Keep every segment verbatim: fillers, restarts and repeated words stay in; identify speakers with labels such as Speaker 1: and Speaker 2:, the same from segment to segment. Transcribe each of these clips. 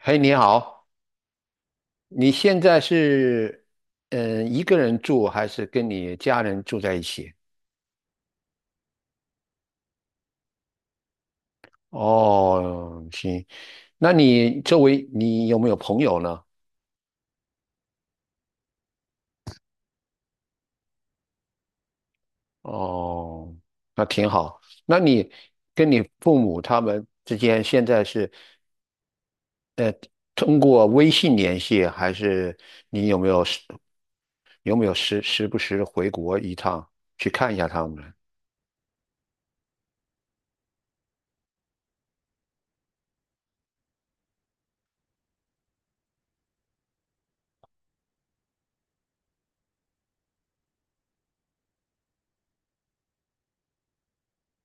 Speaker 1: 嘿，你好，你现在是嗯、呃一个人住还是跟你家人住在一起？哦，行，那你周围你有没有朋友呢？哦，那挺好。那你跟你父母他们之间现在是通过微信联系，还是你有没有时有没有时时不时地回国一趟去看一下他们呢？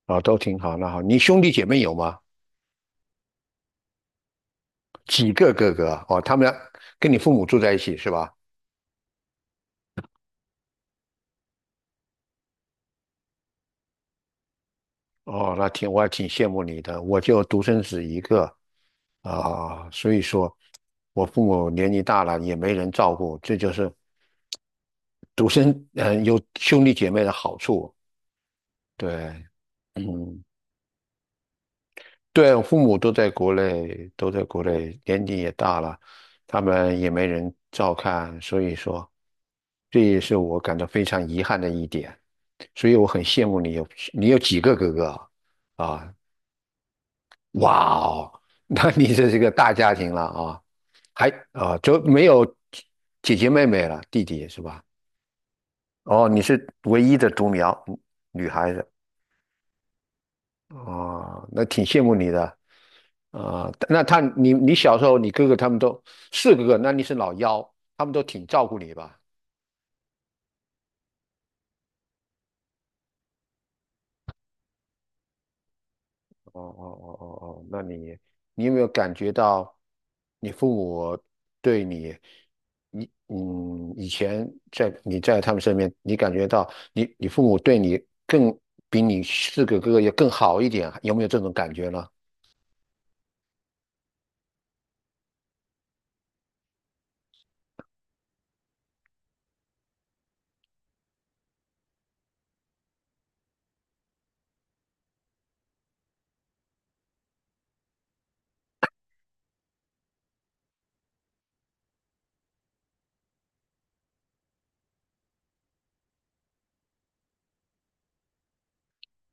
Speaker 1: 哦，都挺好。那好，你兄弟姐妹有吗？几个哥哥啊，哦，他们跟你父母住在一起是吧？哦，那挺我还挺羡慕你的，我就独生子一个啊，所以说我父母年纪大了也没人照顾，这就是独生嗯呃有兄弟姐妹的好处。对，嗯，对，我父母都在国内，都在国内，年纪也大了，他们也没人照看，所以说，这也是我感到非常遗憾的一点。所以我很羡慕你有你有几个哥哥啊？啊，哇哦，那你这是个大家庭了啊，还啊就没有姐姐妹妹了，弟弟是吧？哦，你是唯一的独苗女孩子，啊，那挺羡慕你的。啊、那他你你小时候，你哥哥他们都四个哥，那你是老幺，他们都挺照顾你吧？哦哦哦哦哦，那你你有没有感觉到你父母对你，你嗯以前在你在他们身边，你感觉到你你父母对你更比你四个哥哥要更好一点啊，有没有这种感觉呢？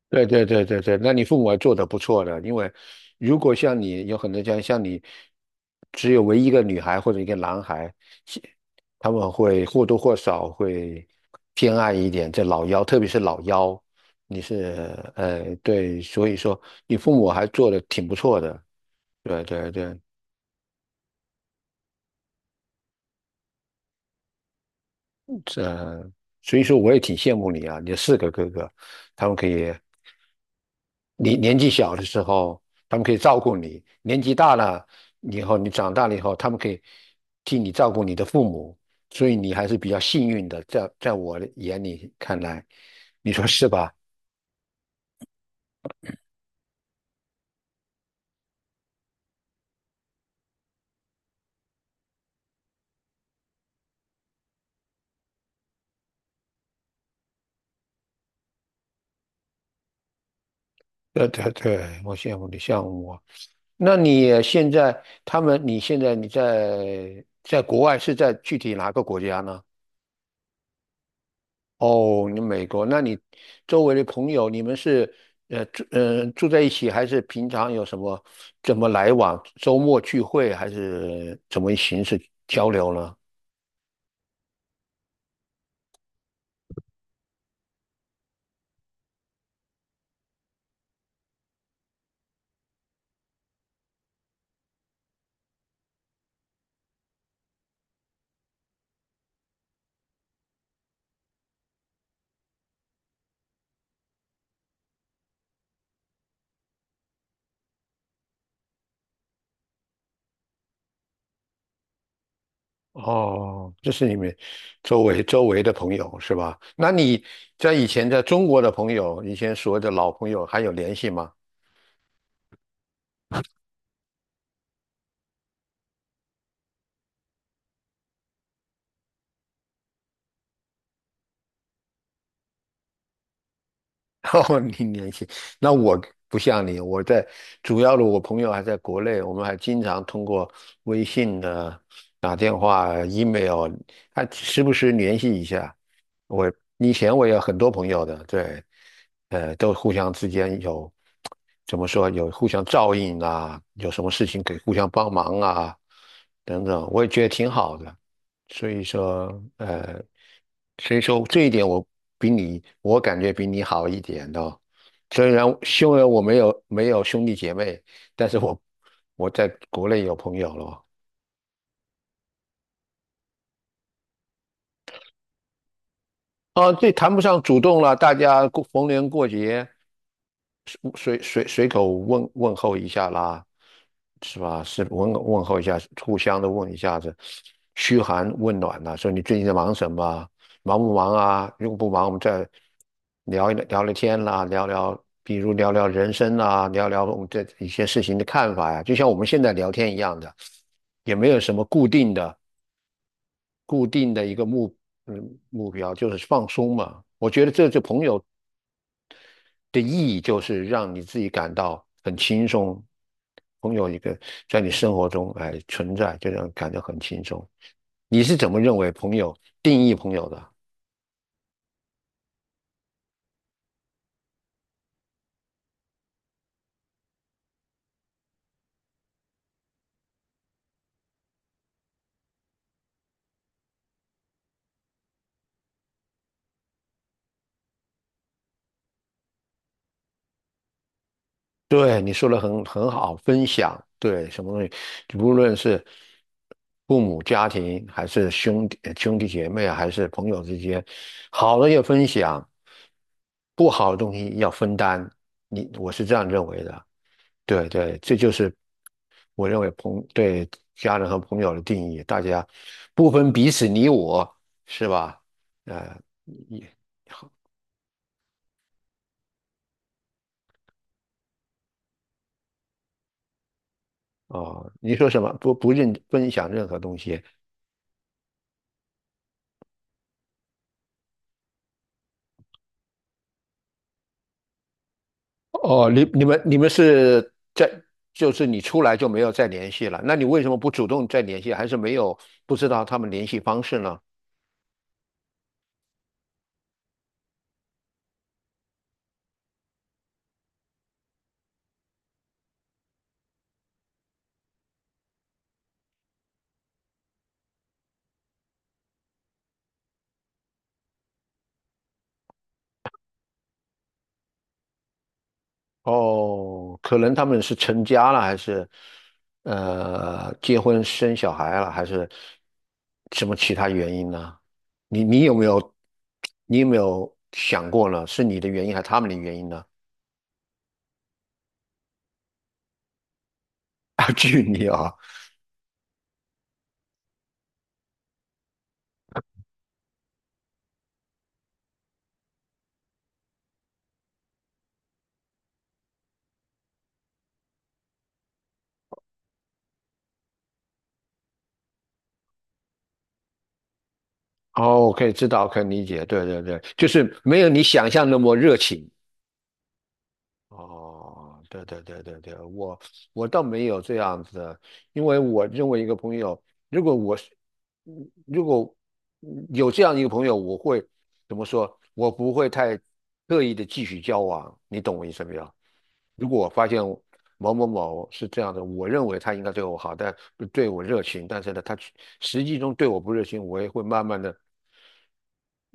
Speaker 1: 对对对对对，那你父母还做得不错的，因为如果像你有很多家像你只有唯一一个女孩或者一个男孩，其他们会或多或少会偏爱一点这老幺，特别是老幺，你是呃对，所以说你父母还做得挺不错的，对对对，这所以说我也挺羡慕你啊，你有四个哥哥，他们可以。你年纪小的时候，他们可以照顾你；年纪大了以后，你长大了以后，他们可以替你照顾你的父母，所以你还是比较幸运的。在在我的眼里看来，你说是吧？对对对，我羡慕你，羡慕我。那你现在他们，你现在你在在国外是在具体哪个国家呢？哦，你美国，那你周围的朋友，你们是呃住呃住在一起，还是平常有什么怎么来往？周末聚会还是怎么形式交流呢？哦，这是你们周围周围的朋友是吧？那你在以前在中国的朋友，以前所谓的老朋友还有联系吗？哦，你联系那我不像你，我在主要的我朋友还在国内，我们还经常通过微信的、打电话、email，还时不时联系一下。我以前我也有很多朋友的，对，呃，都互相之间有怎么说，有互相照应啊，有什么事情可以互相帮忙啊，等等，我也觉得挺好的。所以说，呃，所以说这一点我比你，我感觉比你好一点哦。虽然虽然我没有没有兄弟姐妹，但是我我在国内有朋友了哦。啊，这谈不上主动了，大家过逢年过节，随随随口问问候一下啦，是吧？是问问候一下，互相的问一下子，嘘寒问暖呐、说你最近在忙什么啊忙不忙啊？如果不忙，我们再聊一聊聊聊天啦，聊聊，比如聊聊人生啊，聊聊我们对一些事情的看法呀、就像我们现在聊天一样的，也没有什么固定的固定的一个目嗯目标，就是放松嘛。我觉得这就朋友的意义就是让你自己感到很轻松。朋友一个在你生活中哎存在，就让你感觉很轻松。你是怎么认为朋友定义朋友的？对，你说的很很好，分享，对，什么东西，无论是父母、家庭，还是兄弟兄弟姐妹啊，还是朋友之间，好的要分享，不好的东西要分担。你，我是这样认为的。对对，这就是我认为朋对家人和朋友的定义，大家不分彼此你我，是吧？呃，你哦，你说什么？不不认分享任何东西。哦，你你们你们是在就是你出来就没有再联系了，那你为什么不主动再联系？还是没有不知道他们联系方式呢？哦，可能他们是成家了，还是呃结婚生小孩了，还是什么其他原因呢？你你有没有你有没有想过呢？是你的原因还是他们的原因呢？啊，距离啊，哦，可以知道，可以理解，对对对，就是没有你想象那么热情。哦，对对对对对，我我倒没有这样子的，因为我认为一个朋友，如果我是，嗯如果嗯有这样一个朋友，我会怎么说？我不会太刻意的继续交往，你懂我意思没有？如果我发现某某某是这样的，我认为他应该对我好，但对我热情，但是呢，他实际中对我不热情，我也会慢慢的。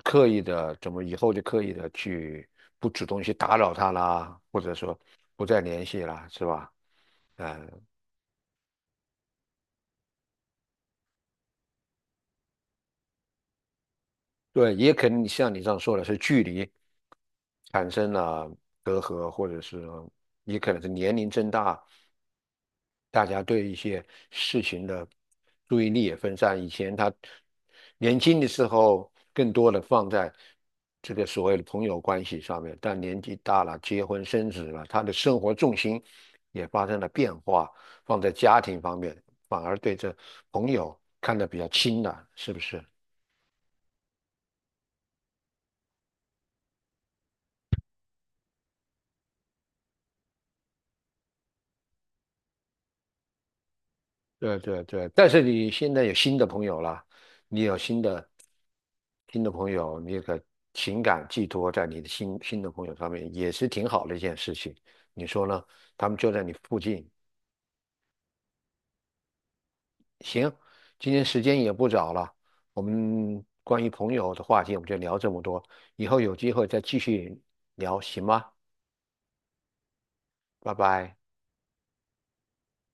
Speaker 1: 刻意的怎么以后就刻意的去不主动去打扰他啦，或者说不再联系啦，是吧？嗯，对，也可能像你这样说的是距离产生了隔阂，或者是也可能是年龄增大，大家对一些事情的注意力也分散。以前他年轻的时候更多的放在这个所谓的朋友关系上面，但年纪大了，结婚生子了，他的生活重心也发生了变化，放在家庭方面，反而对这朋友看得比较轻了，是不是？对对对，但是你现在有新的朋友了，你有新的新的朋友，你可情感寄托在你的新新的朋友上面，也是挺好的一件事情。你说呢？他们就在你附近。行，今天时间也不早了，我们关于朋友的话题我们就聊这么多，以后有机会再继续聊，行吗？拜拜。